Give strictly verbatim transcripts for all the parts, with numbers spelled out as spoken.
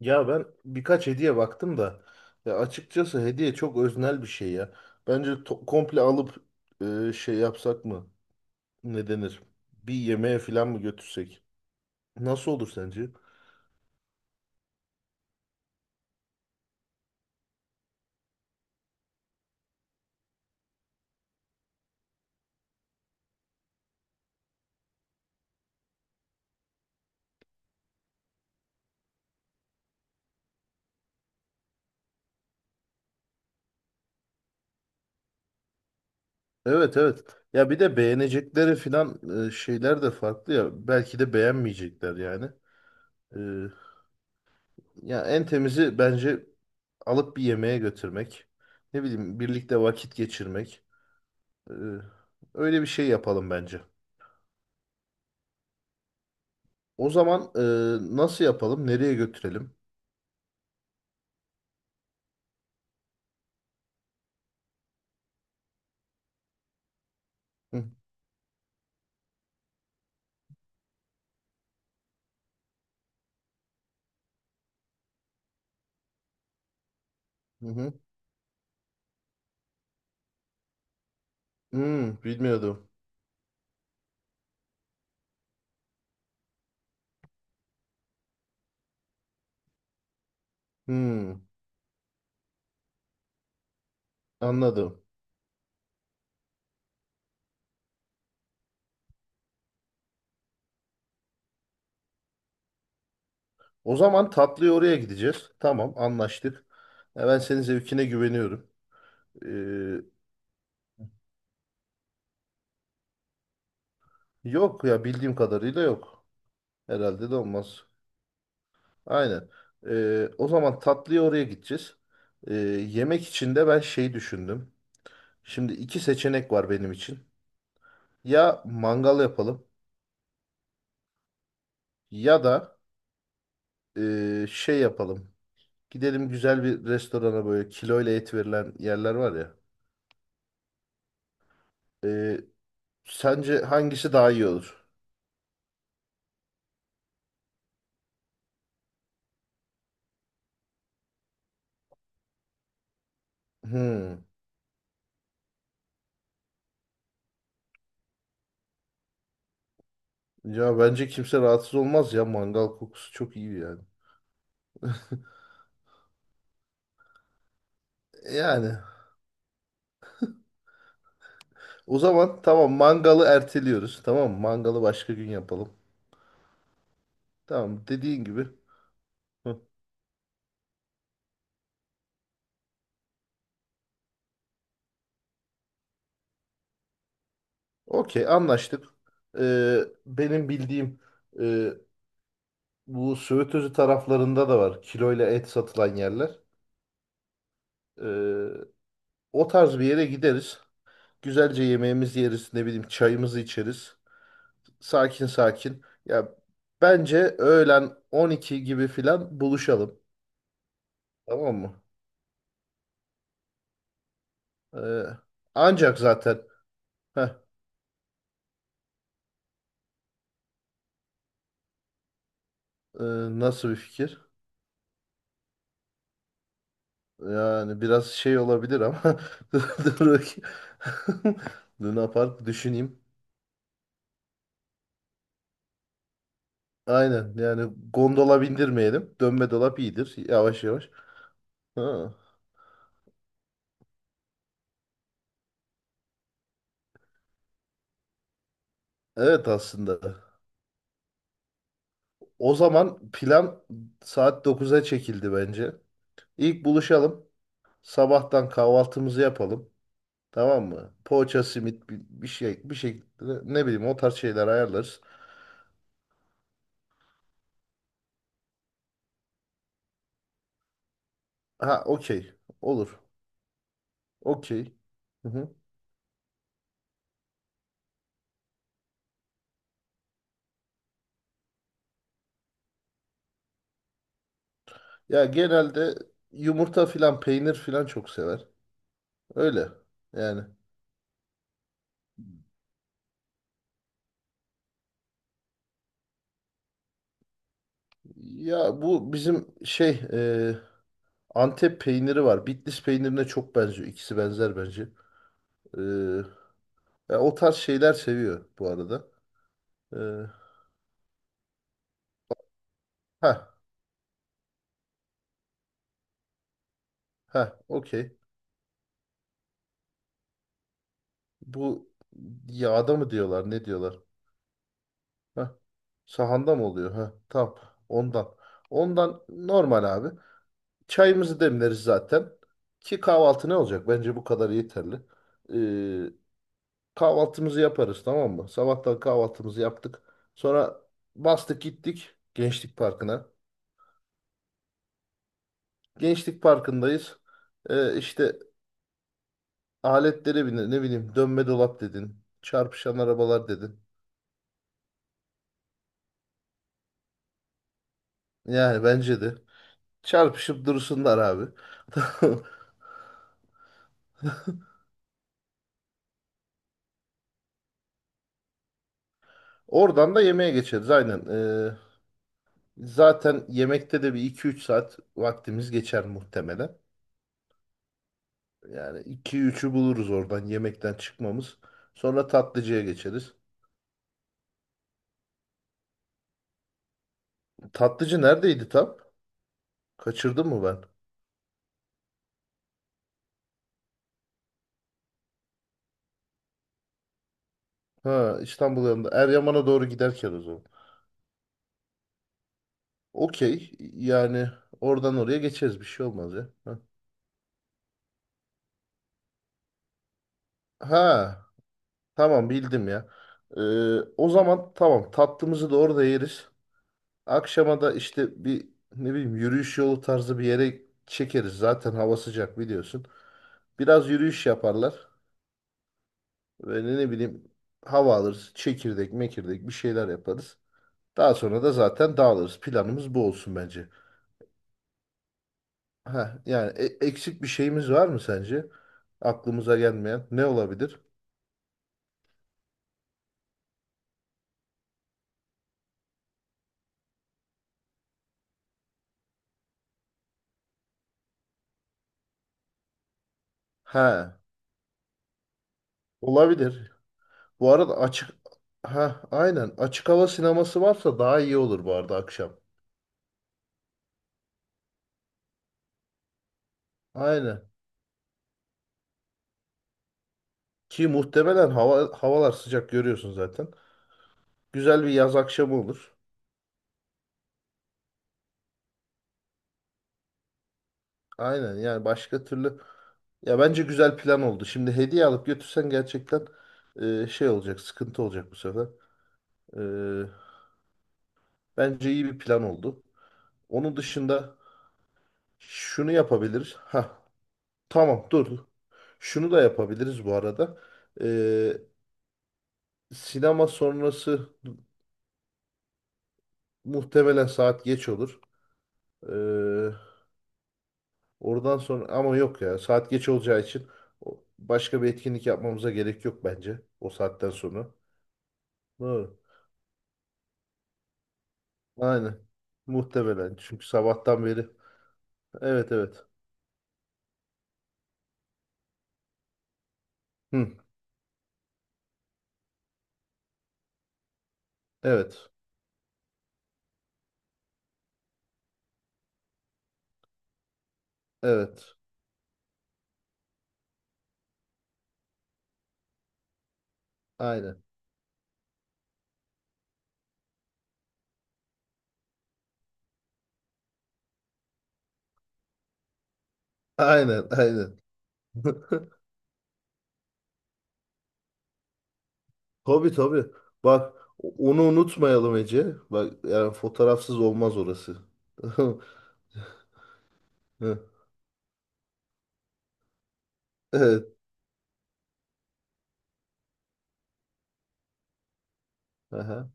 Ya ben birkaç hediye baktım da ya açıkçası hediye çok öznel bir şey ya. Bence to- komple alıp e, şey yapsak mı? Ne denir? Bir yemeğe falan mı götürsek? Nasıl olur sence? Evet, evet. Ya bir de beğenecekleri falan e, şeyler de farklı ya. Belki de beğenmeyecekler yani. E, Ya en temizi bence alıp bir yemeğe götürmek. Ne bileyim birlikte vakit geçirmek. E, Öyle bir şey yapalım bence. O zaman e, nasıl yapalım? Nereye götürelim? Hı hı. Hı. Hmm, bilmiyordum. Hmm, anladım. O zaman tatlıya oraya gideceğiz. Tamam, anlaştık. Ya ben senin zevkine güveniyorum. Ee, Yok ya bildiğim kadarıyla yok. Herhalde de olmaz. Aynen. Ee, o zaman tatlıya oraya gideceğiz. Ee, yemek için de ben şey düşündüm. Şimdi iki seçenek var benim için. Ya mangal yapalım ya da e, şey yapalım. Gidelim güzel bir restorana, böyle kiloyla et verilen yerler var ya. Ee, Sence hangisi daha iyi olur? Hmm. Ya bence kimse rahatsız olmaz ya, mangal kokusu çok iyi yani. Yani o zaman tamam, mangalı erteliyoruz. Tamam mı? Mangalı başka gün yapalım. Tamam, dediğin gibi. Hı. Okey, anlaştık. Ee, Benim bildiğim e, bu Söğütözü taraflarında da var kiloyla et satılan yerler. Ee, O tarz bir yere gideriz. Güzelce yemeğimizi yeriz, ne bileyim çayımızı içeriz. Sakin sakin. Ya bence öğlen on iki gibi filan buluşalım. Tamam mı? Ee, Ancak zaten heh, e, nasıl bir fikir? Yani biraz şey olabilir ama dur bakayım. Luna Park düşüneyim. Aynen, yani gondola bindirmeyelim. Dönme dolap iyidir, yavaş yavaş. Ha. Evet, aslında. O zaman plan saat dokuza çekildi bence. İlk buluşalım. Sabahtan kahvaltımızı yapalım. Tamam mı? Poğaça, simit bir, bir şey bir şekilde, ne bileyim o tarz şeyler ayarlarız. Ha, okey. Olur. Okey. Hı hı. Ya genelde yumurta filan, peynir filan çok sever. Öyle. Yani ya bu bizim şey e, Antep peyniri var. Bitlis peynirine çok benziyor. İkisi benzer bence. E, Ya o tarz şeyler seviyor bu arada. E, ha, ha okey. Bu yağda mı diyorlar, ne diyorlar? Heh. Sahanda mı oluyor? Heh. Tamam, ondan. Ondan normal abi. Çayımızı demleriz zaten. Ki kahvaltı ne olacak? Bence bu kadar yeterli. Ee, Kahvaltımızı yaparız, tamam mı? Sabahtan kahvaltımızı yaptık. Sonra bastık gittik Gençlik Parkı'na. Gençlik Parkı'ndayız. Ee, işte aletlere bindin, ne bileyim dönme dolap dedin. Çarpışan arabalar dedin. Yani bence de. Çarpışıp dursunlar abi. Oradan da yemeğe geçeriz aynen. Ee, zaten yemekte de bir iki üç saat vaktimiz geçer muhtemelen. Yani iki üçü buluruz oradan yemekten çıkmamız. Sonra tatlıcıya geçeriz. Tatlıcı neredeydi tam? Kaçırdım mı ben? Ha, İstanbul yanında. Eryaman'a doğru giderken o zaman. Okey. Yani oradan oraya geçeriz. Bir şey olmaz ya. Ha, ha, tamam bildim ya. Ee, O zaman tamam, tatlımızı da orada yeriz. Akşama da işte bir, ne bileyim yürüyüş yolu tarzı bir yere çekeriz. Zaten hava sıcak, biliyorsun. Biraz yürüyüş yaparlar. Ve ne, ne bileyim hava alırız. Çekirdek mekirdek bir şeyler yaparız. Daha sonra da zaten dağılırız. Planımız bu olsun bence. Ha, yani e- eksik bir şeyimiz var mı sence? Aklımıza gelmeyen ne olabilir? Ha, olabilir. Bu arada açık, ha aynen açık hava sineması varsa daha iyi olur bu arada akşam. Aynen. Ki muhtemelen hava, havalar sıcak, görüyorsun zaten. Güzel bir yaz akşamı olur. Aynen, yani başka türlü ya bence güzel plan oldu. Şimdi hediye alıp götürsen gerçekten e, şey olacak, sıkıntı olacak bu sefer. E, Bence iyi bir plan oldu. Onun dışında şunu yapabiliriz. Ha, tamam, dur. Şunu da yapabiliriz bu arada. E, Sinema sonrası muhtemelen saat geç olur. E, oradan sonra, ama yok ya, saat geç olacağı için o- başka bir etkinlik yapmamıza gerek yok bence o saatten sonra. Doğru. Aynen. Muhtemelen çünkü sabahtan beri. Evet, evet. Hı. Evet. Evet. Aynen. Aynen, aynen. Tabii, tabii. Bak, onu unutmayalım Ece. Bak, yani fotoğrafsız olmaz orası. Hı. Evet. Aha.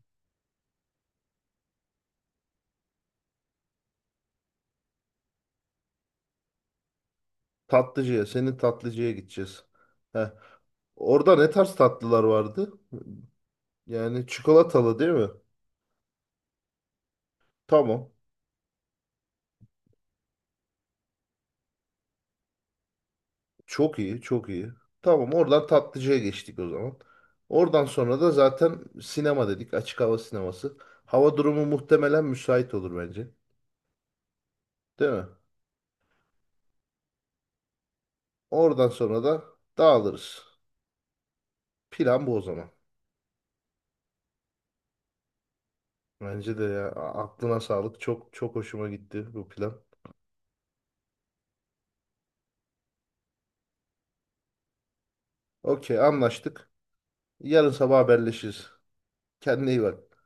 Tatlıcıya, senin tatlıcıya gideceğiz. Heh. Orada ne tarz tatlılar vardı? Yani çikolatalı, değil mi? Tamam. Çok iyi, çok iyi. Tamam, oradan tatlıcıya geçtik o zaman. Oradan sonra da zaten sinema dedik, açık hava sineması. Hava durumu muhtemelen müsait olur bence. Değil mi? Oradan sonra da dağılırız. Plan bu o zaman. Bence de ya, a- aklına sağlık. Çok çok hoşuma gitti bu plan. Okey, anlaştık. Yarın sabah haberleşiriz. Kendine iyi bak.